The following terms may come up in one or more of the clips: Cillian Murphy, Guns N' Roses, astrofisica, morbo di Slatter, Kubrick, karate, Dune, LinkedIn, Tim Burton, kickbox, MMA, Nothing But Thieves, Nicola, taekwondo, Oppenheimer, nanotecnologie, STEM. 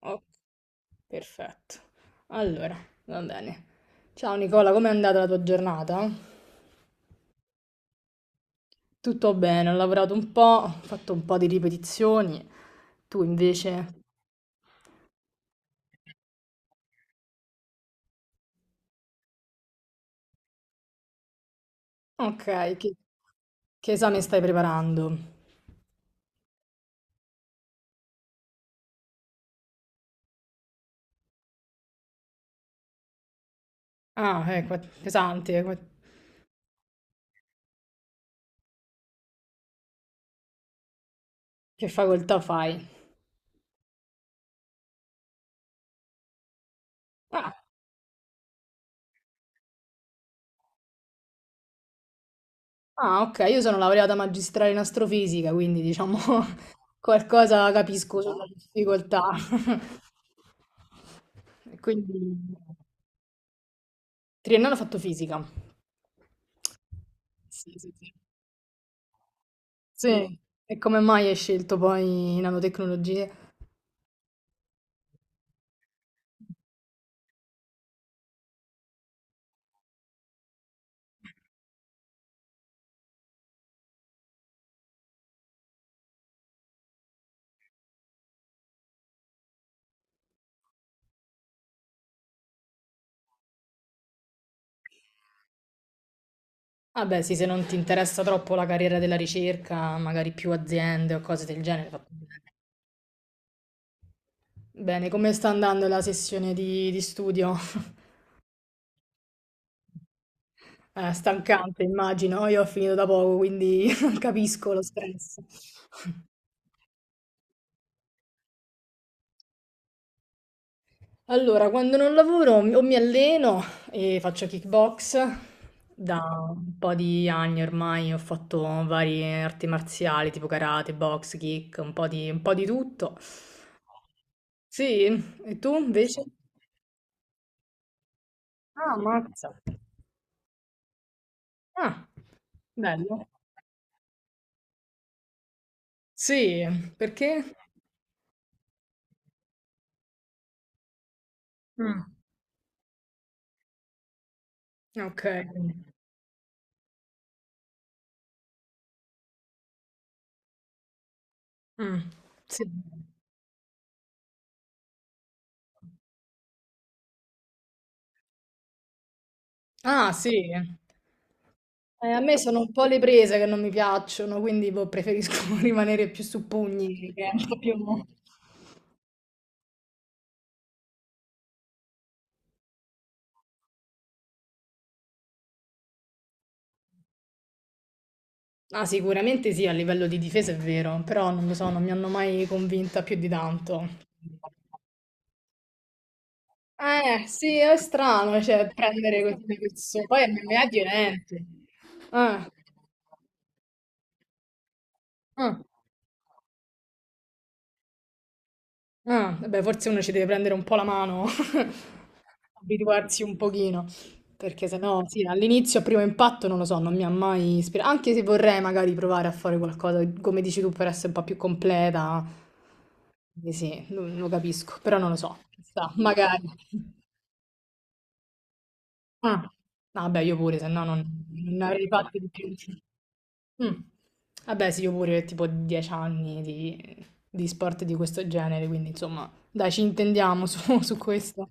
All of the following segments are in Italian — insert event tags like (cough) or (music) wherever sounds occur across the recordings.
Ok, perfetto. Allora, va bene. Ciao Nicola, com'è andata la tua giornata? Tutto bene, ho lavorato un po', ho fatto un po' di ripetizioni. Tu invece? Ok, che esame stai preparando? Ah, pesante, che facoltà fai? Ah, ah, ok, io sono laureata magistrale in astrofisica, quindi diciamo (laughs) qualcosa capisco sulla difficoltà. (laughs) Quindi... Triennale ho fatto fisica. Sì, sì, sì. Sì, e come mai hai scelto poi nanotecnologie? Ah beh, sì, se non ti interessa troppo la carriera della ricerca, magari più aziende o cose del genere, fatto bene. Bene, come sta andando la sessione di studio? (laughs) Stancante, immagino. Io ho finito da poco, quindi (laughs) capisco lo stress. Allora, quando non lavoro o mi alleno e faccio kickbox da un po' di anni ormai, ho fatto varie arti marziali tipo karate, box, kick, un po' di tutto. Sì, e tu invece? Ah, mazza. Ah, bello. Sì, perché? Mm, ok. Mm, sì. Ah, sì. A me sono un po' le prese che non mi piacciono, quindi boh, preferisco (laughs) rimanere più su pugni, che è un po' più... Ah, sicuramente sì, a livello di difesa è vero, però non lo so, non mi hanno mai convinta più di tanto. Sì, è strano, cioè, prendere queste persone, poi MMA è violento. Ah, ah. Ah, eh beh, forse uno ci deve prendere un po' la mano, (laughs) abituarsi un pochino, perché sennò sì, all'inizio, a primo impatto, non lo so, non mi ha mai ispirato, anche se vorrei magari provare a fare qualcosa, come dici tu, per essere un po' più completa, quindi sì, lo, lo capisco, però non lo so, chissà, magari. Ah, no, vabbè, io pure, se no non, non ne avrei fatto di più. Mh. Vabbè sì, io pure tipo 10 anni di sport di questo genere, quindi insomma dai ci intendiamo su (laughs) su questo.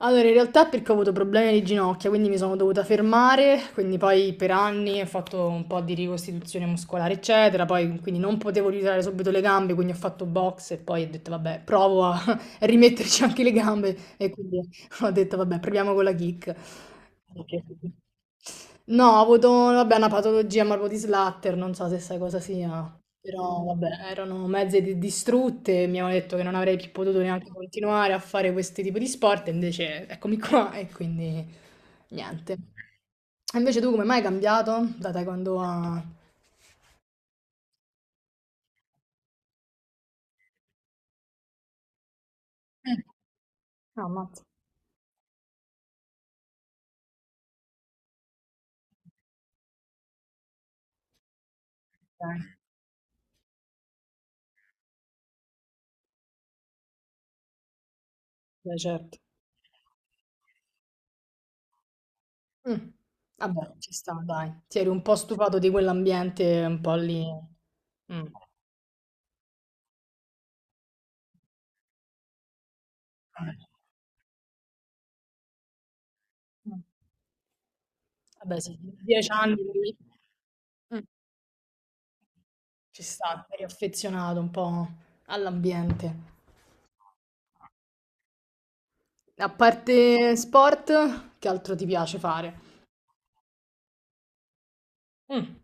Allora, in realtà è perché ho avuto problemi alle ginocchia, quindi mi sono dovuta fermare, quindi poi per anni ho fatto un po' di ricostituzione muscolare, eccetera, poi quindi non potevo riusare subito le gambe, quindi ho fatto box e poi ho detto vabbè, provo a (laughs) rimetterci anche le gambe e quindi (laughs) ho detto vabbè, proviamo con la kick. Ok. No, ho avuto vabbè, una patologia morbo di Slatter, non so se sai cosa sia. Però vabbè, erano mezze distrutte, mi hanno detto che non avrei più potuto neanche continuare a fare questi tipi di sport, e invece eccomi qua e quindi niente. E Invece tu come mai hai cambiato? Da taekwondo a... Eh, Ah, ammazza. Dai, dai, certo. Mm, Vabbè, ci sta, dai. Ti eri un po' stufato di quell'ambiente un po' lì. Mm. Mm. Vabbè, sì, 10 anni lì. Mm, Ci sta, eri affezionato un po' all'ambiente. A parte sport, che altro ti piace fare? Mh.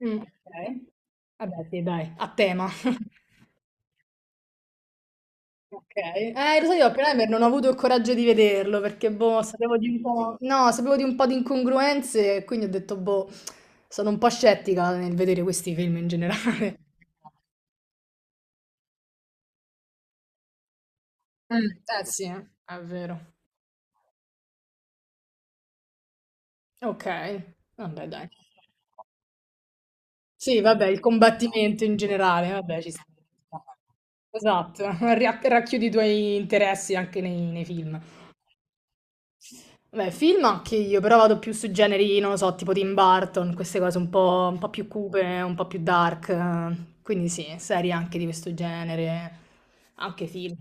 Mh. Okay. Vabbè sì, dai, a tema. (laughs) Okay. Lo sai, io Oppenheimer non ho avuto il coraggio di vederlo perché, boh, sapevo di un po' no, sapevo di un po' di incongruenze e quindi ho detto: "Boh", sono un po' scettica nel vedere questi film in generale. (laughs) Mh, eh sì, è vero. Okay, vabbè dai. Sì, vabbè, il combattimento in generale, vabbè, ci sta. Esatto, (laughs) racchiudi i tuoi interessi anche nei, nei film. Beh, film anche io, però vado più su generi, non lo so, tipo Tim Burton, queste cose un po' più cupe, un po' più dark. Eh, quindi sì, serie anche di questo genere, anche film.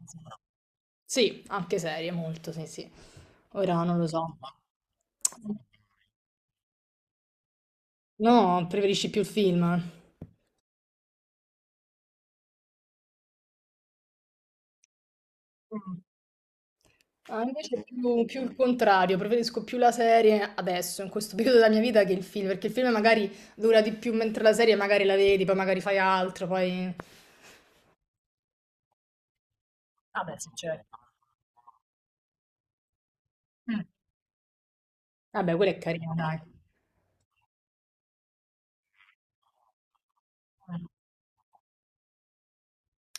Sì, anche serie, molto, sì, sì. Ora non lo so. No, preferisci più il film? Mm. Ah, invece è più, più il contrario, preferisco più la serie adesso, in questo periodo della mia vita, che il film, perché il film magari dura di più, mentre la serie magari la vedi, poi magari fai altro, poi... Vabbè, sì, certo. Mm. Vabbè, quella è carina, dai.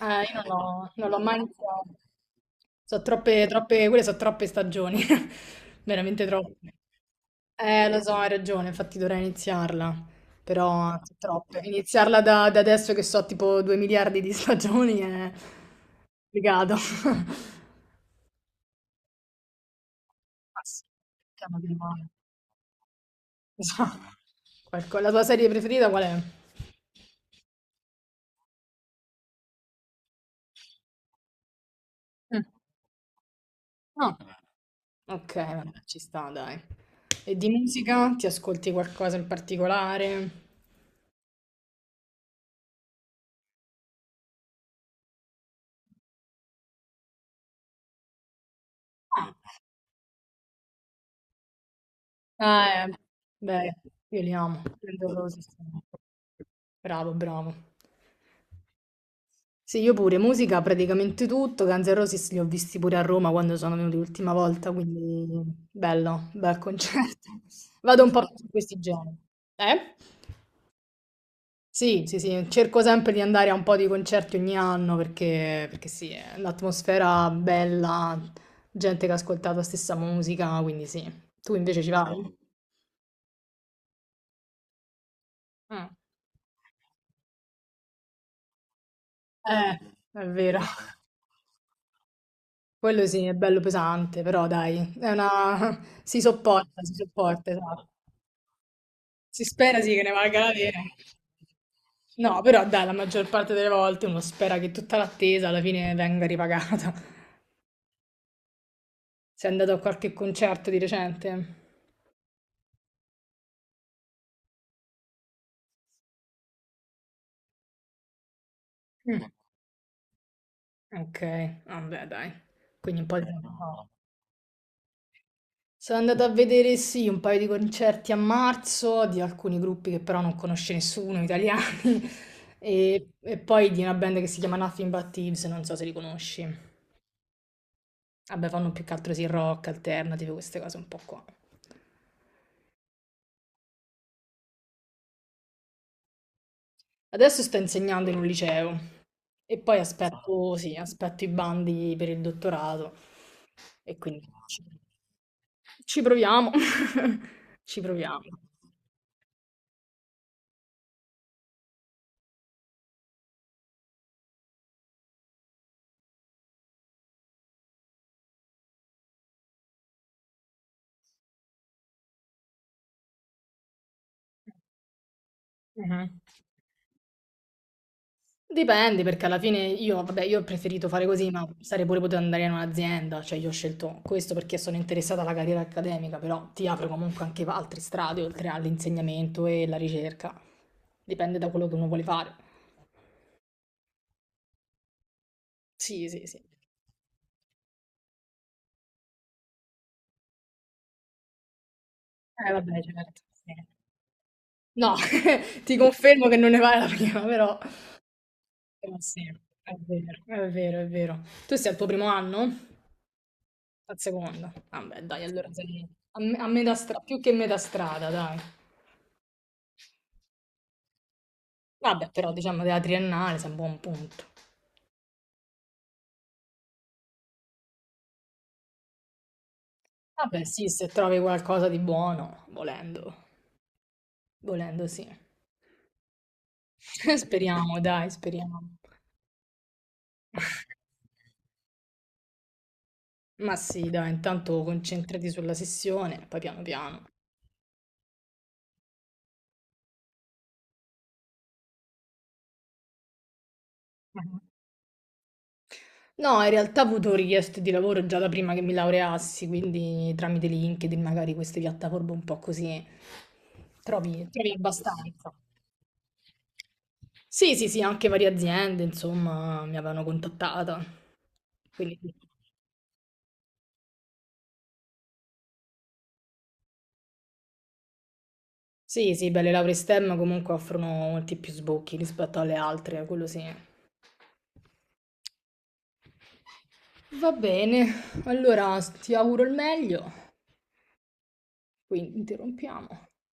Io non l'ho mai iniziato. Sono troppe, troppe, quelle sono troppe stagioni, (laughs) veramente troppe. Lo so, hai ragione, infatti dovrei iniziarla, però sono troppe. Iniziarla da adesso che so tipo 2 miliardi di (laughs) stagioni è complicato. (laughs) Ma sì, piano piano. Lo so. La tua serie preferita qual è? Mm. No. Ok, vabbè, ci sta, dai. E di musica? Ti ascolti qualcosa in particolare? Eh, beh, io li amo, prendo cose, sono- Bravo, bravo. Sì, io pure, musica praticamente tutto, Guns N' Roses li ho visti pure a Roma quando sono venuti l'ultima volta, quindi bello, bel concerto. (laughs) Vado un po' più su questi generi. Eh? Sì, sì, sì, cerco sempre di andare a un po' di concerti ogni anno perché, perché sì, è un'atmosfera bella, gente che ha ascoltato la stessa musica, quindi sì. Tu invece ci vai? Mm. Eh, è vero. Quello sì, è bello pesante, però dai, è una... (laughs) si sopporta, esatto. Si spera sì che ne valga la pena. No, però dai, la maggior parte delle volte uno spera che tutta l'attesa alla fine venga ripagata. (laughs) Sei andato a qualche concerto di recente? Mm. Ok, vabbè, dai. Quindi un po' di... tempo fa. Sono andata a vedere sì un paio di concerti a marzo di alcuni gruppi che però non conosce nessuno, italiani, (laughs) e poi di una band che si chiama Nothing But Thieves, non so se li conosci. Vabbè, fanno più che altro sì rock, alternative, queste cose un po' qua. Adesso sto insegnando in un liceo e poi aspetto, sì, aspetto i bandi per il dottorato e quindi ci ci proviamo, (laughs) ci proviamo. Mhm. Dipende, perché alla fine io, vabbè, io ho preferito fare così, ma sarei pure potuto andare in un'azienda, cioè io ho scelto questo perché sono interessata alla carriera accademica, però ti apre comunque anche altre strade oltre all'insegnamento e la ricerca. Dipende da quello che uno vuole fare. Sì, sì, sì. Vabbè, certo. Sì. No, (laughs) ti confermo che non ne vale la prima, però... però sì, è vero, è vero, è vero. Tu sei al tuo primo anno? Al secondo? Vabbè, dai, allora sei a, a metà strada, più che metà strada, dai. Vabbè, però diciamo della triennale sei a buon punto. Vabbè, sì, se trovi qualcosa di buono, volendo, volendo sì. (laughs) Speriamo, dai, speriamo. Ma sì, dai, intanto concentrati sulla sessione, poi piano piano. Mhm. No, in realtà ho avuto richieste di lavoro già da prima che mi laureassi, quindi tramite LinkedIn, magari queste piattaforme un po' così, trovi abbastanza. Sì, sì, sì, anche varie aziende, insomma, mi avevano contattata. Quindi sì. Sì, sì, beh, le lauree STEM comunque offrono molti più sbocchi rispetto alle altre, quello sì. Va bene, allora ti auguro il meglio, quindi interrompiamo.